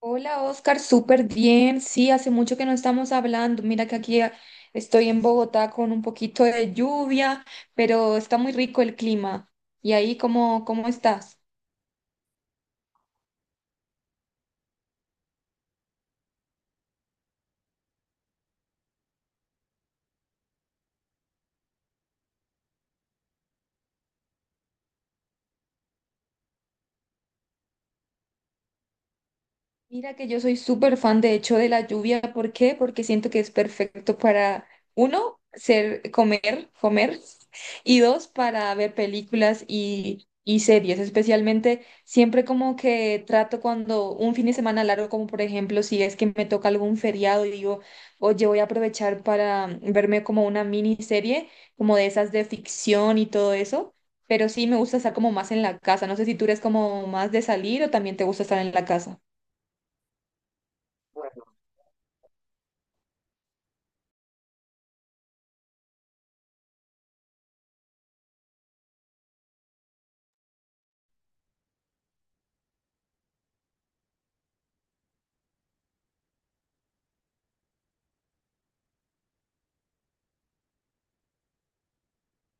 Hola Oscar, súper bien. Sí, hace mucho que no estamos hablando. Mira que aquí estoy en Bogotá con un poquito de lluvia, pero está muy rico el clima. ¿Y ahí cómo estás? Mira que yo soy súper fan, de hecho, de la lluvia. ¿Por qué? Porque siento que es perfecto para, uno, ser, comer, comer, y dos, para ver películas y series. Especialmente, siempre como que trato cuando un fin de semana largo, como por ejemplo, si es que me toca algún feriado y digo, oye, voy a aprovechar para verme como una miniserie, como de esas de ficción y todo eso. Pero sí me gusta estar como más en la casa. No sé si tú eres como más de salir o también te gusta estar en la casa.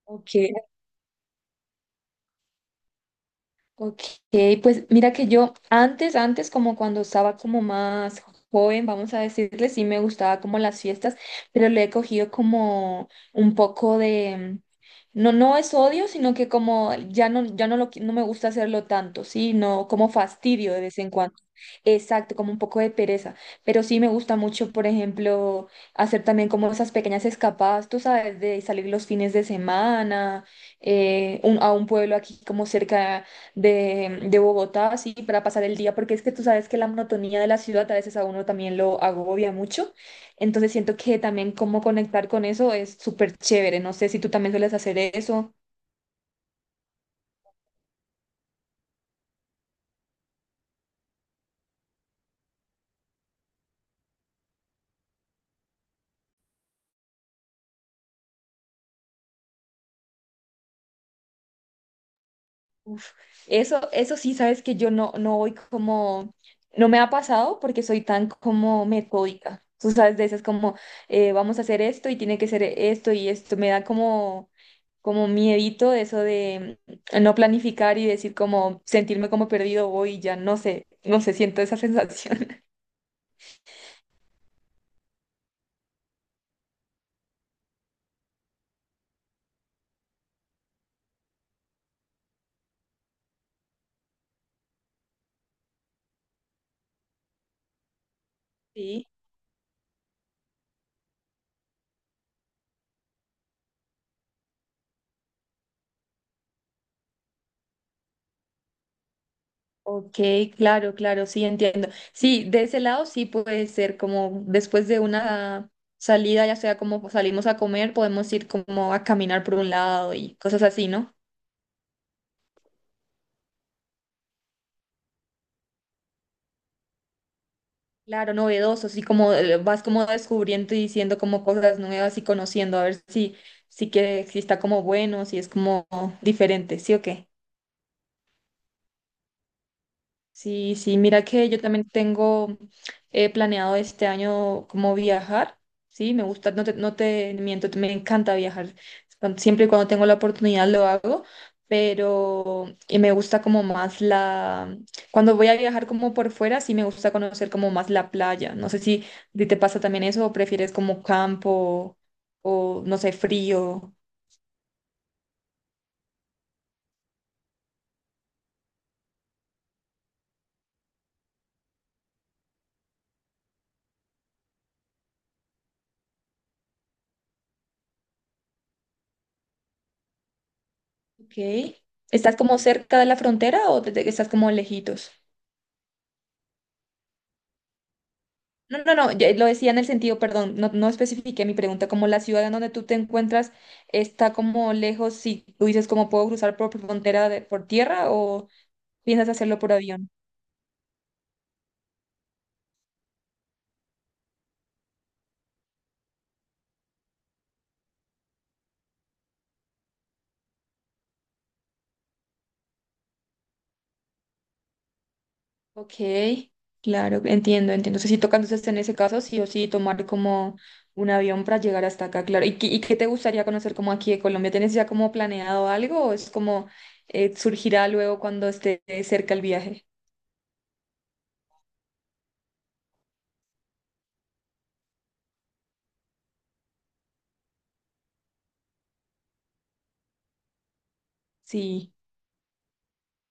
Ok. Ok, pues mira que yo antes como cuando estaba como más joven, vamos a decirle, sí me gustaba como las fiestas, pero le he cogido como un poco de, no, no es odio, sino que como no me gusta hacerlo tanto, sí, no, como fastidio de vez en cuando. Exacto, como un poco de pereza, pero sí me gusta mucho, por ejemplo, hacer también como esas pequeñas escapadas, tú sabes, de salir los fines de semana, a un pueblo aquí como cerca de Bogotá, así para pasar el día, porque es que tú sabes que la monotonía de la ciudad a veces a uno también lo agobia mucho. Entonces siento que también cómo conectar con eso es súper chévere. No sé si tú también sueles hacer eso. Uf, eso sí, sabes que yo no, no voy como, no me ha pasado porque soy tan como metódica. Tú sabes de esas como, vamos a hacer esto y tiene que ser esto y esto. Me da como miedito eso de no planificar y decir como, sentirme como perdido hoy, ya no sé, no sé, siento esa sensación. Sí. Ok, claro, claro, sí, entiendo. Sí, de ese lado sí puede ser como después de una salida, ya sea como salimos a comer, podemos ir como a caminar por un lado y cosas así, ¿no? Claro, novedoso, sí, como vas como descubriendo y diciendo como cosas nuevas y conociendo, a ver si está como bueno, si es como diferente, ¿sí o qué? Sí, sí, mira que yo también tengo planeado este año como viajar, sí, me gusta, no te miento, me encanta viajar, cuan- siempre y cuando tengo la oportunidad lo hago, pero me gusta como más la, cuando voy a viajar como por fuera, sí me gusta conocer como más la playa, no sé si a ti te pasa también eso o prefieres como campo o no sé, frío. Ok, ¿estás como cerca de la frontera o estás como lejitos? No, no, no, yo lo decía en el sentido, perdón, no, no especifiqué mi pregunta, como la ciudad en donde tú te encuentras está como lejos, si tú dices cómo puedo cruzar por frontera por tierra o piensas hacerlo por avión. Ok, claro, entiendo, entiendo. Entonces, si toca entonces en ese caso, sí o sí tomar como un avión para llegar hasta acá, claro. ¿Y qué te gustaría conocer como aquí de Colombia? ¿Tienes ya como planeado algo o es como surgirá luego cuando esté cerca el viaje? Sí.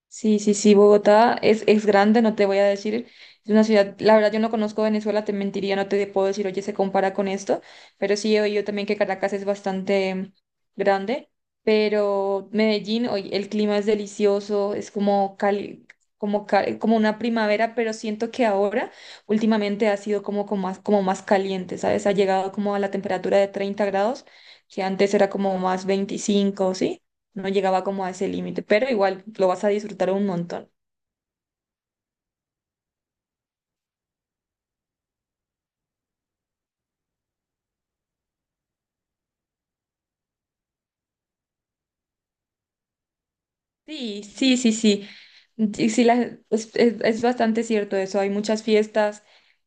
Sí, sí, sí, Bogotá es grande, no te voy a decir, es una ciudad, la verdad yo no conozco Venezuela, te mentiría, no te puedo decir, oye, se compara con esto, pero sí he oído también que Caracas es bastante grande, pero Medellín, oye, el clima es delicioso, es como como una primavera, pero siento que ahora últimamente ha sido como, como más caliente, ¿sabes? Ha llegado como a la temperatura de 30 grados, que antes era como más 25, ¿sí? No llegaba como a ese límite, pero igual lo vas a disfrutar un montón. Sí, sí, sí, sí. Y sí, es bastante cierto eso. Hay muchas fiestas,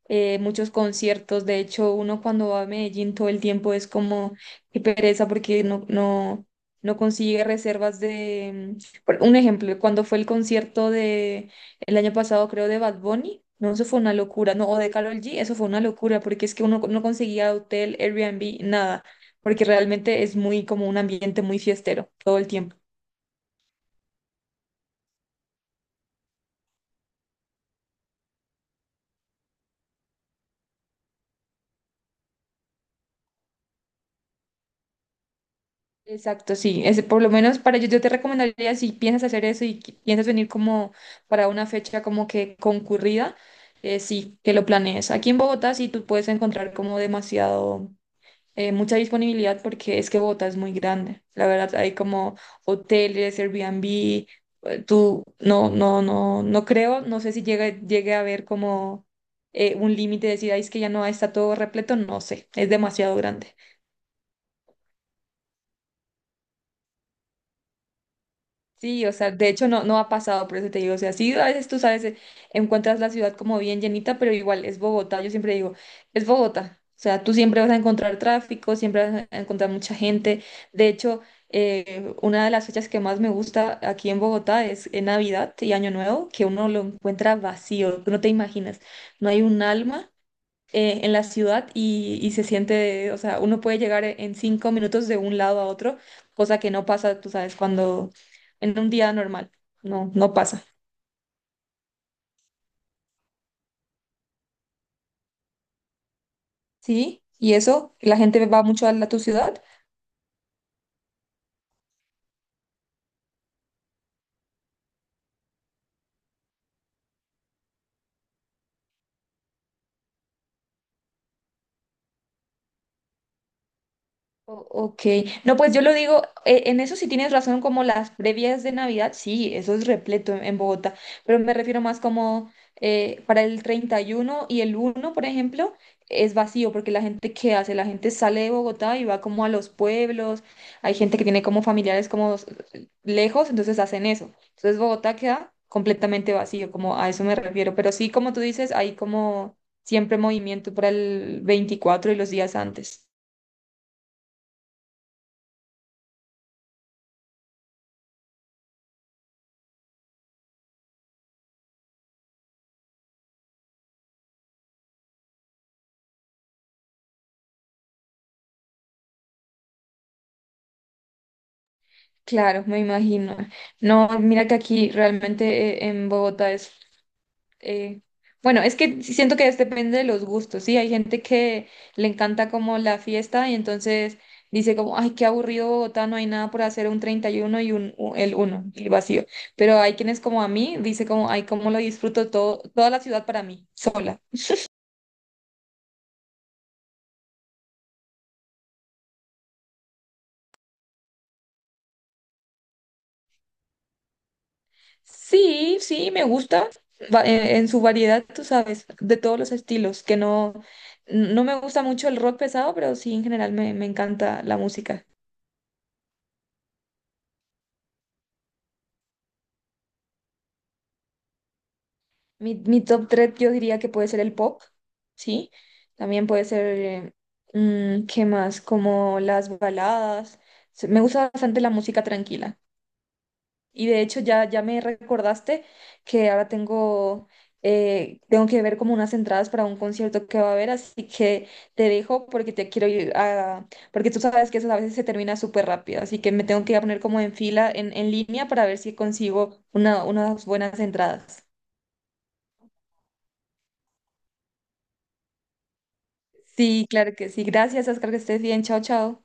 muchos conciertos. De hecho, uno cuando va a Medellín todo el tiempo es como qué pereza porque no consigue reservas de... por Un ejemplo, cuando fue el concierto de el año pasado, creo, de Bad Bunny, no, eso fue una locura. No, o de Karol G, eso fue una locura porque es que uno no conseguía hotel, Airbnb, nada, porque realmente es muy como un ambiente muy fiestero todo el tiempo. Exacto, sí. Es, por lo menos para yo, yo te recomendaría si piensas hacer eso y piensas venir como para una fecha como que concurrida, sí, que lo planees. Aquí en Bogotá sí tú puedes encontrar como demasiado, mucha disponibilidad porque es que Bogotá es muy grande. La verdad, hay como hoteles, Airbnb, tú, no creo, no sé si llegue a haber como un límite de decir, "Ay, es que ya no está todo repleto, no sé, es demasiado grande". Sí, o sea, de hecho no, no ha pasado, por eso te digo, o sea, sí, a veces tú sabes, encuentras la ciudad como bien llenita, pero igual es Bogotá, yo siempre digo, es Bogotá, o sea, tú siempre vas a encontrar tráfico, siempre vas a encontrar mucha gente, de hecho, una de las fechas que más me gusta aquí en Bogotá es en Navidad y Año Nuevo, que uno lo encuentra vacío, que no te imaginas, no hay un alma en la ciudad y se siente, o sea, uno puede llegar en 5 minutos de un lado a otro, cosa que no pasa, tú sabes, cuando en un día normal, no, no pasa. Sí, y eso, la gente va mucho a la, tu ciudad. Ok, no, pues yo lo digo, en eso sí tienes razón, como las previas de Navidad, sí, eso es repleto en Bogotá, pero me refiero más como para el 31 y el uno por ejemplo, es vacío, porque la gente, ¿qué hace? La gente sale de Bogotá y va como a los pueblos, hay gente que tiene como familiares como lejos, entonces hacen eso, entonces Bogotá queda completamente vacío, como a eso me refiero, pero sí, como tú dices, hay como siempre movimiento para el 24 y los días antes. Claro, me imagino. No, mira que aquí realmente en Bogotá es, eh, bueno, es que sí siento que es- depende de los gustos, ¿sí? Hay gente que le encanta como la fiesta y entonces dice como, ay, qué aburrido Bogotá, no hay nada por hacer un 31 y uno y un, el uno, el vacío. Pero hay quienes como a mí, dice como, ay, cómo lo disfruto todo, toda la ciudad para mí, sola. Sí, sí, me gusta en su variedad, tú sabes, de todos los estilos, que no, no me gusta mucho el rock pesado, pero sí, en general me encanta la música. Mi top 3, yo diría que puede ser el pop, ¿sí? También puede ser, ¿qué más? Como las baladas. Me gusta bastante la música tranquila. Y de hecho ya me recordaste que ahora tengo, tengo que ver como unas entradas para un concierto que va a haber, así que te dejo porque te quiero ir a, porque tú sabes que eso a veces se termina súper rápido, así que me tengo que ir a poner como en fila, en línea para ver si consigo unas buenas entradas. Sí, claro que sí. Gracias, Oscar, que estés bien. Chao, chao.